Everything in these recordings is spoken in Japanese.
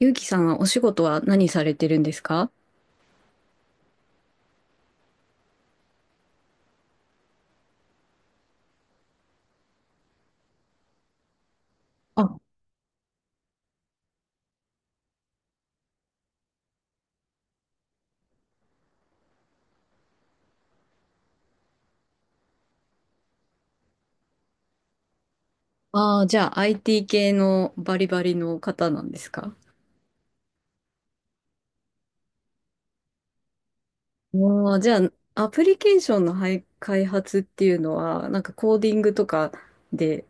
ゆうきさんはお仕事は何されてるんですか？あ、じゃあ IT 系のバリバリの方なんですか？ああ、じゃあアプリケーションのはい開発っていうのは、なんかコーディングとかで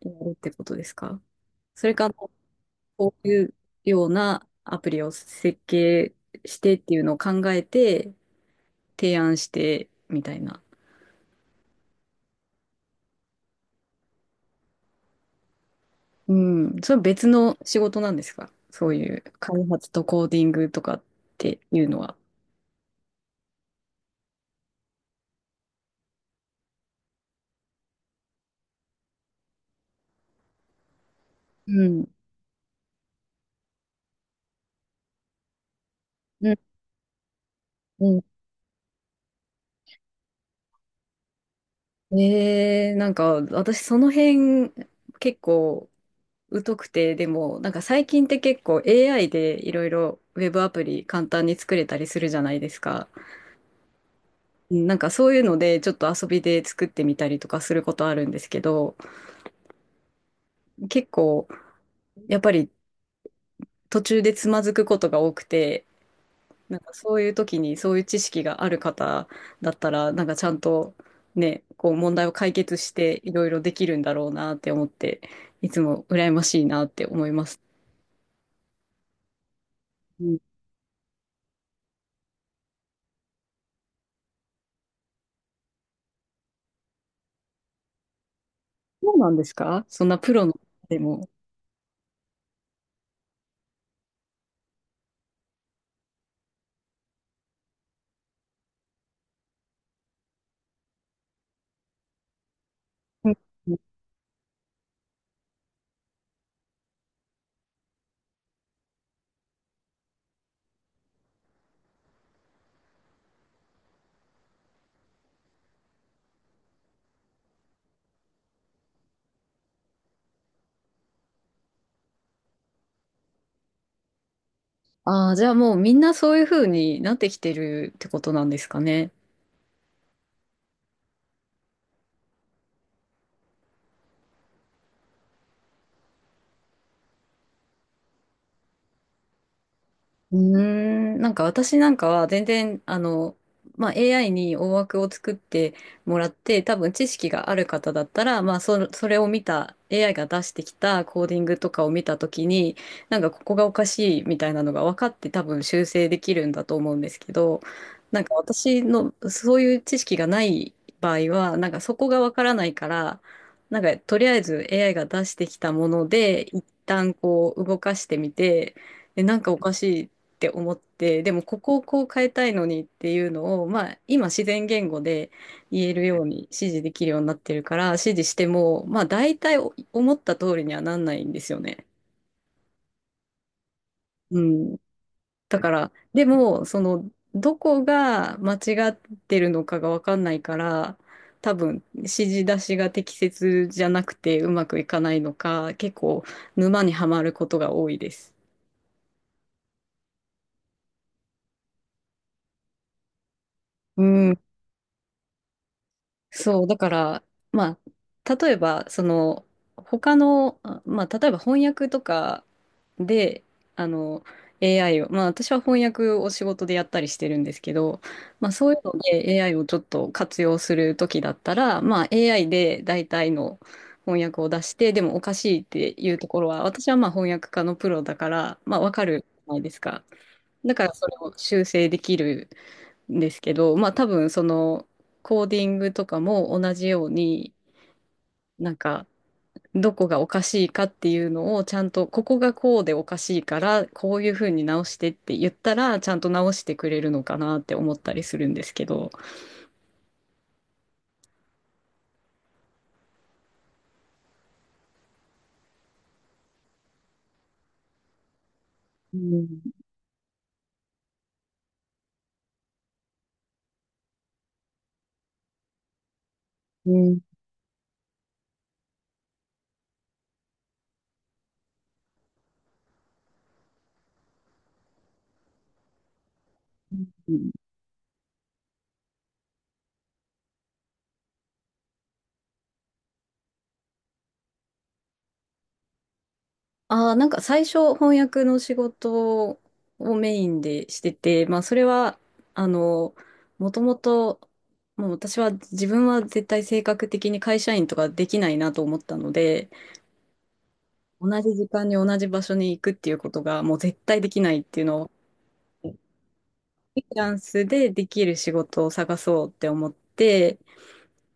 やるってことですか？それか、こういうようなアプリを設計してっていうのを考えて提案してみたいな。うん、それは別の仕事なんですか、そういう開発とコーディングとかっていうのは。うん。うん、うなんか私その辺結構疎くて、でもなんか最近って結構 AI でいろいろウェブアプリ簡単に作れたりするじゃないですか。うん、なんかそういうのでちょっと遊びで作ってみたりとかすることあるんですけど、結構やっぱり途中でつまずくことが多くて、なんかそういう時にそういう知識がある方だったら、なんかちゃんとね、こう問題を解決していろいろできるんだろうなって思って、いつも羨ましいなって思います。うん、そうなんですか、そんなプロの方でも。うん、ああ、じゃあもうみんなそういうふうになってきてるってことなんですかね。うーん、なんか私なんかは全然、まあ、AI に大枠を作ってもらって、多分知識がある方だったら、まあ、それを見た、AI が出してきたコーディングとかを見たときに、なんかここがおかしいみたいなのが分かって多分修正できるんだと思うんですけど、なんか私のそういう知識がない場合は、なんかそこが分からないから、なんかとりあえず AI が出してきたもので、一旦こう動かしてみて、なんかおかしいって思って、でもここをこう変えたいのにっていうのを、まあ、今自然言語で言えるように指示できるようになってるから指示しても、まあ、大体お思った通りにはなんないんですよね。うん、だからでもそのどこが間違ってるのかが分かんないから、多分指示出しが適切じゃなくてうまくいかないのか、結構沼にはまることが多いです。うん、そう、だから、まあ、例えば、その、他の、まあ、例えば翻訳とかで、あの、AI を、まあ、私は翻訳を仕事でやったりしてるんですけど、まあ、そういうので AI をちょっと活用するときだったら、まあ、AI で大体の翻訳を出して、でもおかしいっていうところは、私はまあ、翻訳家のプロだから、まあ、わかるじゃないですか。だから、それを修正できるんですけど、まあ多分そのコーディングとかも同じように、なんかどこがおかしいかっていうのをちゃんと、ここがこうでおかしいから、こういうふうに直してって言ったら、ちゃんと直してくれるのかなって思ったりするんですけど。うん、うん、ああ、なんか最初翻訳の仕事をメインでしてて、まあそれは、あの、もともと、もう私は自分は絶対性格的に会社員とかできないなと思ったので、同じ時間に同じ場所に行くっていうことがもう絶対できないっていうのを、フリーランスでできる仕事を探そうって思って、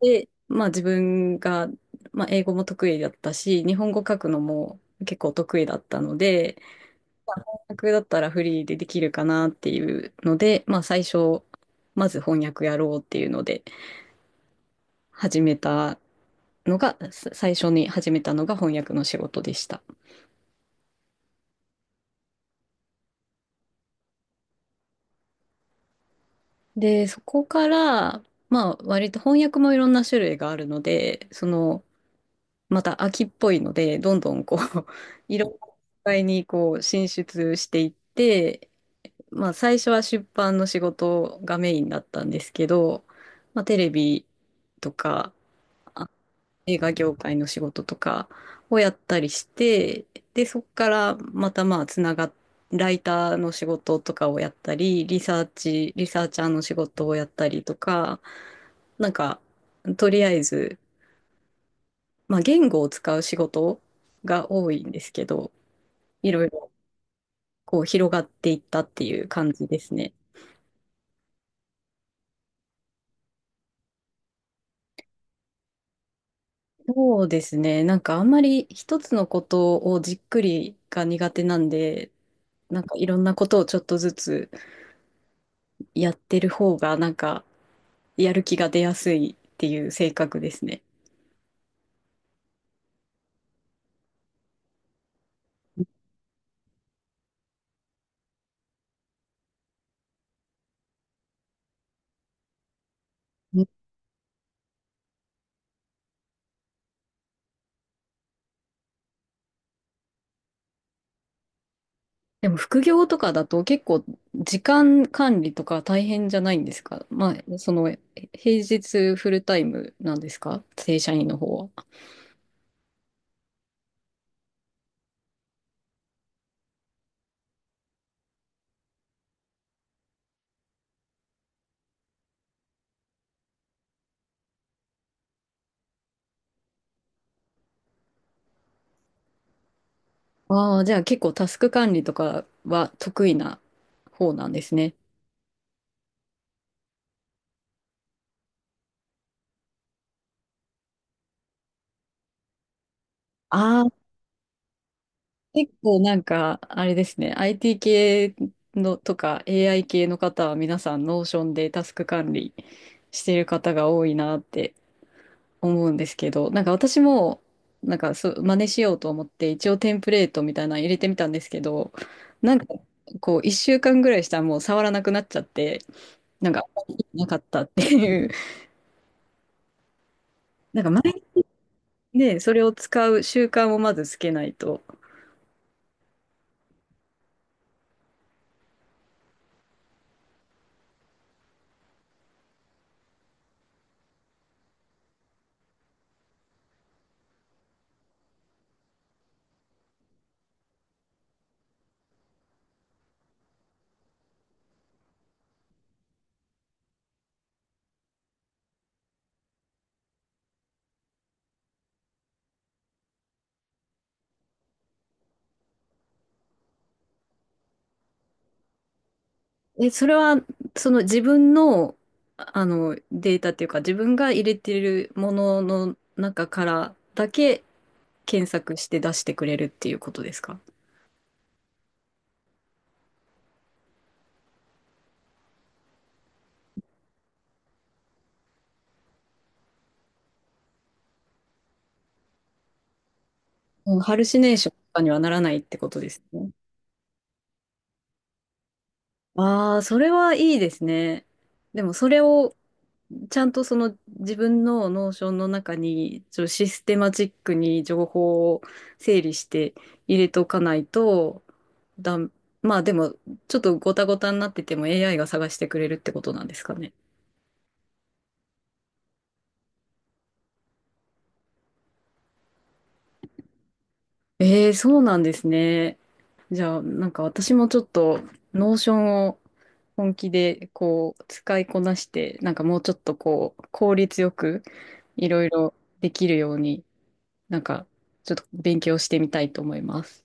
で、まあ自分が、まあ英語も得意だったし、日本語書くのも結構得意だったので、訳だったらフリーでできるかなっていうので、まあ最初、まず翻訳やろうっていうので始めたのが、最初に始めたのが翻訳の仕事でした。で、そこから、まあ割と翻訳もいろんな種類があるので、その、また秋っぽいので、どんどんこう、いろんな世界にこう進出していって、まあ最初は出版の仕事がメインだったんですけど、まあテレビとか、映画業界の仕事とかをやったりして、で、そこからまたまあつながっライターの仕事とかをやったり、リサーチャーの仕事をやったりとか、なんか、とりあえず、まあ言語を使う仕事が多いんですけど、いろいろこう広がっていったっていう感じですね。そうですね。なんかあんまり一つのことをじっくりが苦手なんで、なんかいろんなことをちょっとずつやってる方がなんかやる気が出やすいっていう性格ですね。でも副業とかだと結構時間管理とか大変じゃないんですか？まあ、その、平日フルタイムなんですか、正社員の方は。ああ、じゃあ結構タスク管理とかは得意な方なんですね。ああ、結構なんか、あれですね、IT 系のとか AI 系の方は皆さんノーションでタスク管理してる方が多いなって思うんですけど、なんか私も、なんかそう、真似しようと思って、一応テンプレートみたいなの入れてみたんですけど、なんか、こう、1週間ぐらいしたらもう触らなくなっちゃって、なんか、あんまり意味なかったっていう。なんか前にね、それを使う習慣をまずつけないと。え、それは、その自分の、あの、データっていうか、自分が入れてるものの中からだけ検索して出してくれるっていうことですか？うん、ハルシネーションとかにはならないってことですね。ああ、それはいいですね。でもそれをちゃんとその自分のノーションの中にちょっとシステマチックに情報を整理して入れとかないとだん、まあでもちょっとごたごたになってても AI が探してくれるってことなんですかね。ええ、そうなんですね。じゃあなんか私もちょっとノーションを本気でこう使いこなしてなんかもうちょっとこう効率よくいろいろできるようになんか、ちょっと勉強してみたいと思います。